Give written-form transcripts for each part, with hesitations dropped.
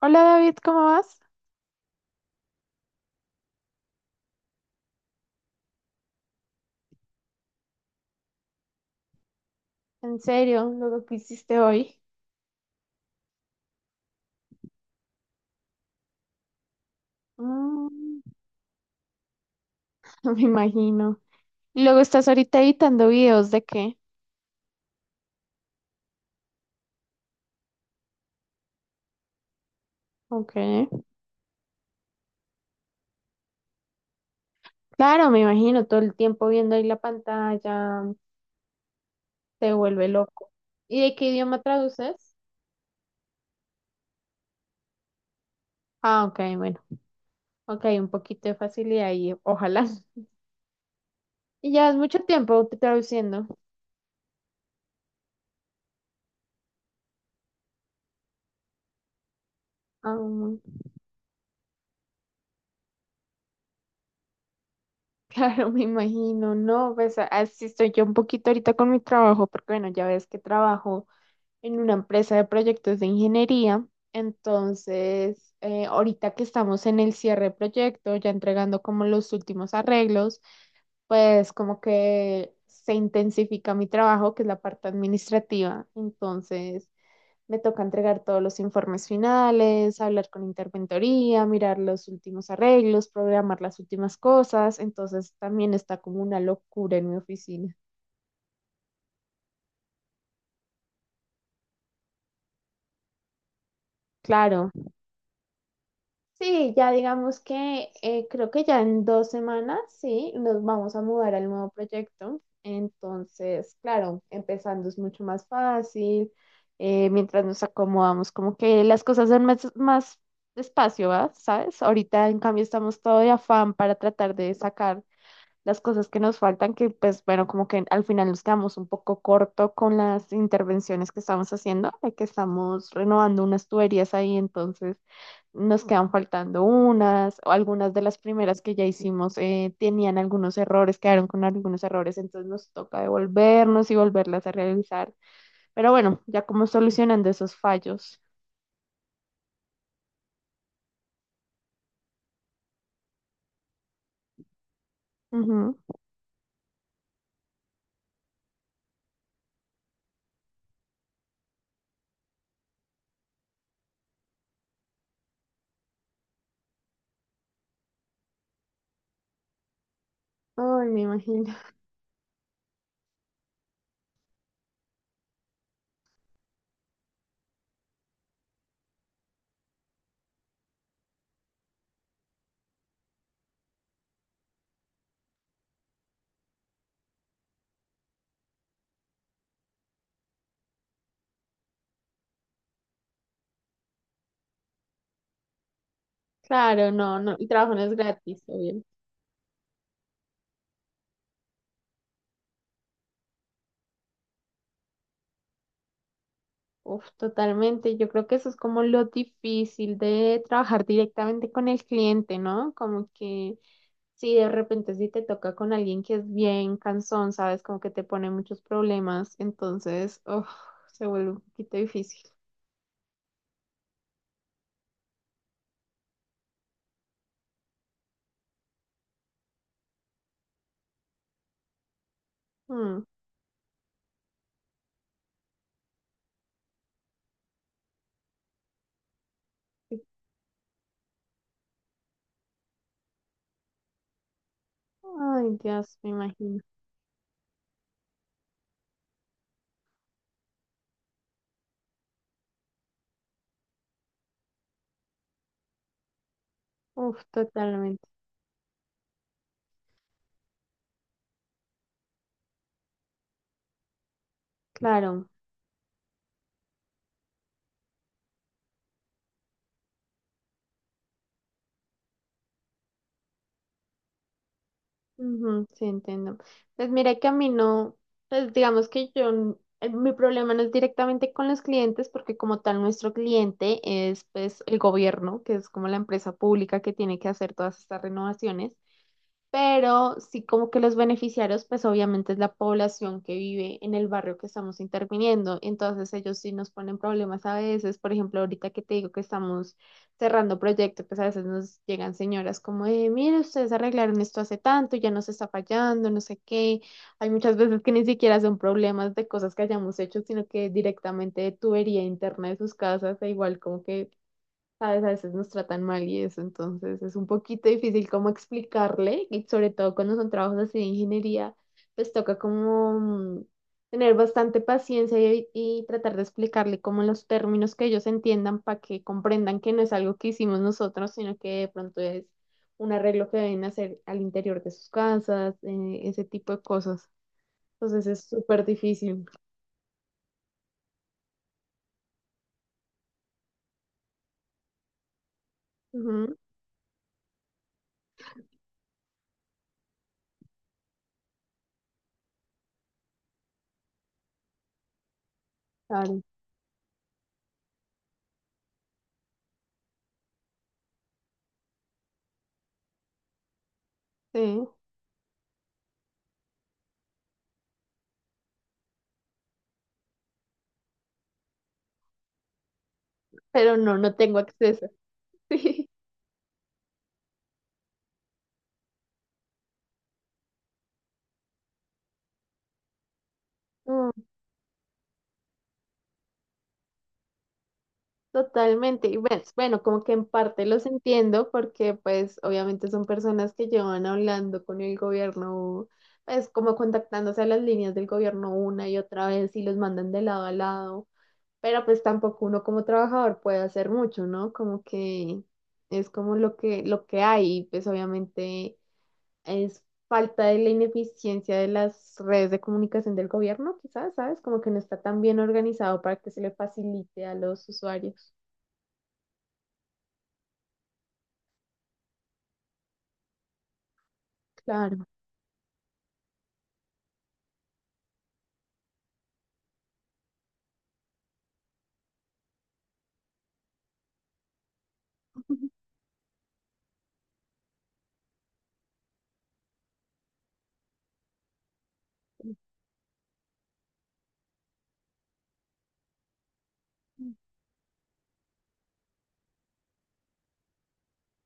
Hola David, ¿cómo vas? En serio, ¿luego que hiciste hoy? Mm, me imagino. Y luego, ¿estás ahorita editando videos de qué? Ok. Claro, me imagino, todo el tiempo viendo ahí la pantalla, te vuelve loco. ¿Y de qué idioma traduces? Ah, ok, bueno. Ok, un poquito de facilidad y ojalá. Y ¿ya es mucho tiempo traduciendo? Ah, claro, me imagino, no, pues así estoy yo un poquito ahorita con mi trabajo, porque bueno, ya ves que trabajo en una empresa de proyectos de ingeniería. Entonces, ahorita que estamos en el cierre de proyecto, ya entregando como los últimos arreglos, pues como que se intensifica mi trabajo, que es la parte administrativa. Entonces, me toca entregar todos los informes finales, hablar con interventoría, mirar los últimos arreglos, programar las últimas cosas. Entonces, también está como una locura en mi oficina. Claro. Sí, ya digamos que creo que ya en 2 semanas, sí, nos vamos a mudar al nuevo proyecto. Entonces, claro, empezando es mucho más fácil. Mientras nos acomodamos, como que las cosas son más despacio, ¿va? ¿Sabes? Ahorita, en cambio, estamos todo de afán para tratar de sacar las cosas que nos faltan, que pues bueno, como que al final nos quedamos un poco corto con las intervenciones que estamos haciendo, de que estamos renovando unas tuberías ahí, entonces nos quedan faltando unas, o algunas de las primeras que ya hicimos tenían algunos errores, quedaron con algunos errores, entonces nos toca devolvernos y volverlas a realizar, pero bueno, ya como solucionando esos fallos. Ujú. Ay, me imagino. Claro, no, no, el trabajo no es gratis, obvio. Uf, totalmente. Yo creo que eso es como lo difícil de trabajar directamente con el cliente, ¿no? Como que si de repente si te toca con alguien que es bien cansón, sabes, como que te pone muchos problemas, entonces, uf, se vuelve un poquito difícil. Mm, sí. Ay, Dios, me imagino. Uf, totalmente. Claro. Ujú, sí, entiendo. Pues mira que a mí no, pues digamos que yo, mi problema no es directamente con los clientes, porque como tal nuestro cliente es pues el gobierno, que es como la empresa pública que tiene que hacer todas estas renovaciones, pero sí como que los beneficiarios, pues obviamente es la población que vive en el barrio que estamos interviniendo, entonces ellos sí nos ponen problemas a veces, por ejemplo, ahorita que te digo que estamos cerrando proyectos, pues a veces nos llegan señoras como, mire, ustedes arreglaron esto hace tanto, ya nos está fallando, no sé qué, hay muchas veces que ni siquiera son problemas de cosas que hayamos hecho, sino que directamente de tubería interna de sus casas, e igual como que ¿sabes? A veces nos tratan mal y eso, entonces es un poquito difícil como explicarle, y sobre todo cuando son trabajos así de ingeniería, pues toca como tener bastante paciencia y tratar de explicarle como los términos que ellos entiendan para que comprendan que no es algo que hicimos nosotros, sino que de pronto es un arreglo que deben hacer al interior de sus casas, ese tipo de cosas. Entonces es súper difícil. Ujú, claro, sí, pero no, no tengo acceso. Sí. Totalmente, y ves, bueno, como que en parte los entiendo porque pues obviamente son personas que llevan hablando con el gobierno, pues como contactándose a las líneas del gobierno una y otra vez y los mandan de lado a lado, pero pues tampoco uno como trabajador puede hacer mucho, ¿no? Como que es como lo que hay, y pues obviamente es falta de la ineficiencia de las redes de comunicación del gobierno, quizás, ¿sabes? Como que no está tan bien organizado para que se le facilite a los usuarios. Claro,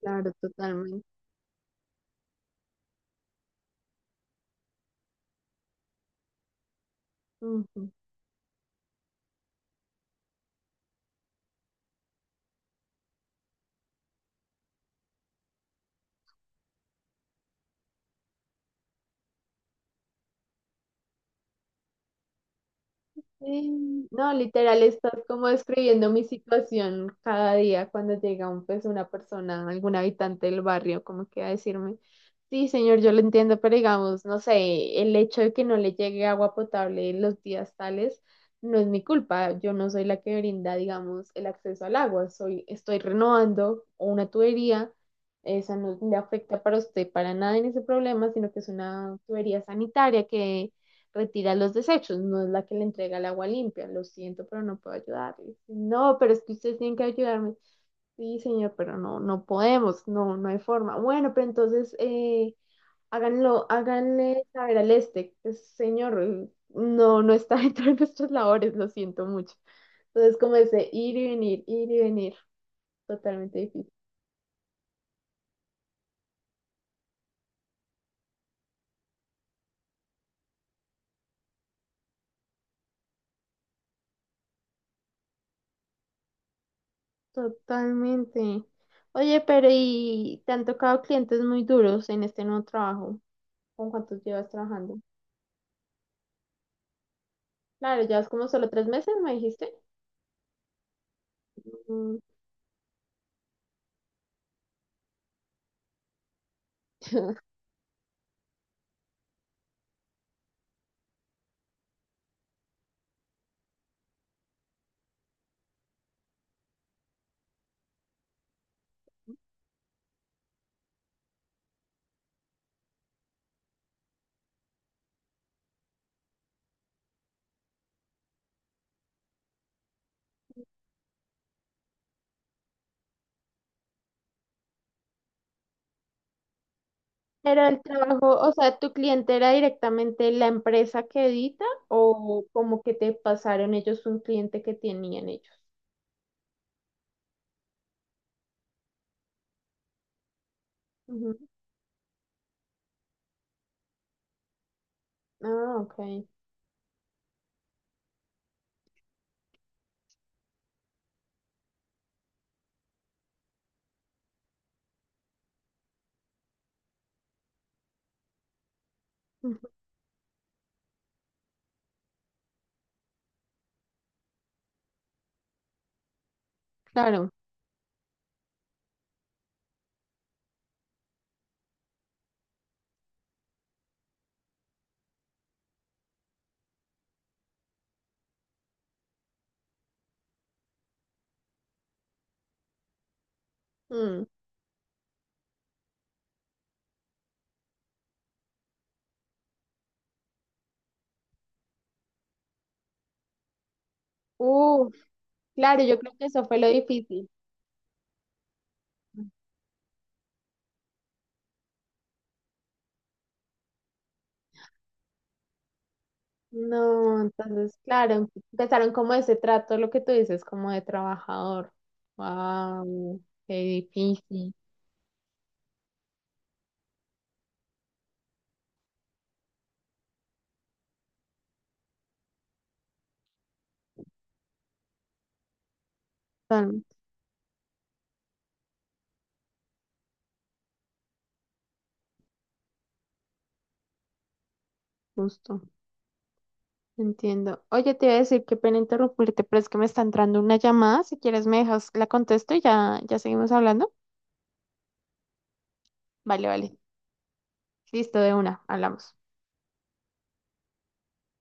claro, totalmente. Ujú. Sí, no, literal, estás como describiendo mi situación cada día cuando llega un, pues, una persona, algún habitante del barrio, como que a decirme, sí, señor, yo lo entiendo, pero digamos, no sé, el hecho de que no le llegue agua potable en los días tales no es mi culpa, yo no soy la que brinda, digamos, el acceso al agua, soy, estoy renovando una tubería, esa no le afecta para usted para nada en ese problema, sino que es una tubería sanitaria que retira los desechos, no es la que le entrega el agua limpia. Lo siento, pero no puedo ayudarle. No, pero es que ustedes tienen que ayudarme. Sí, señor, pero no, no podemos, no, no hay forma. Bueno, pero entonces háganlo, háganle saber al este, pues, señor, no, no está dentro de nuestras labores, lo siento mucho. Entonces, como ese ir y venir, totalmente difícil. Totalmente. Oye, pero ¿y te han tocado clientes muy duros en este nuevo trabajo? ¿Con cuántos llevas trabajando? Claro, ya es como solo 3 meses, me dijiste. Mm, pero el trabajo, o sea, ¿tu cliente era directamente la empresa que edita o como que te pasaron ellos un cliente que tenían ellos? Ujú. Ah, ok. Ujú, claro. Mm. Uf, claro, yo creo que eso fue lo difícil. No, entonces, claro, empezaron como ese trato, lo que tú dices, como de trabajador. Wow, qué difícil. Tan justo. Entiendo. Oye, te iba a decir, qué pena interrumpirte, pero es que me está entrando una llamada. Si quieres, me dejas, la contesto y ya, ya seguimos hablando. Vale, vale. Listo, de una, hablamos.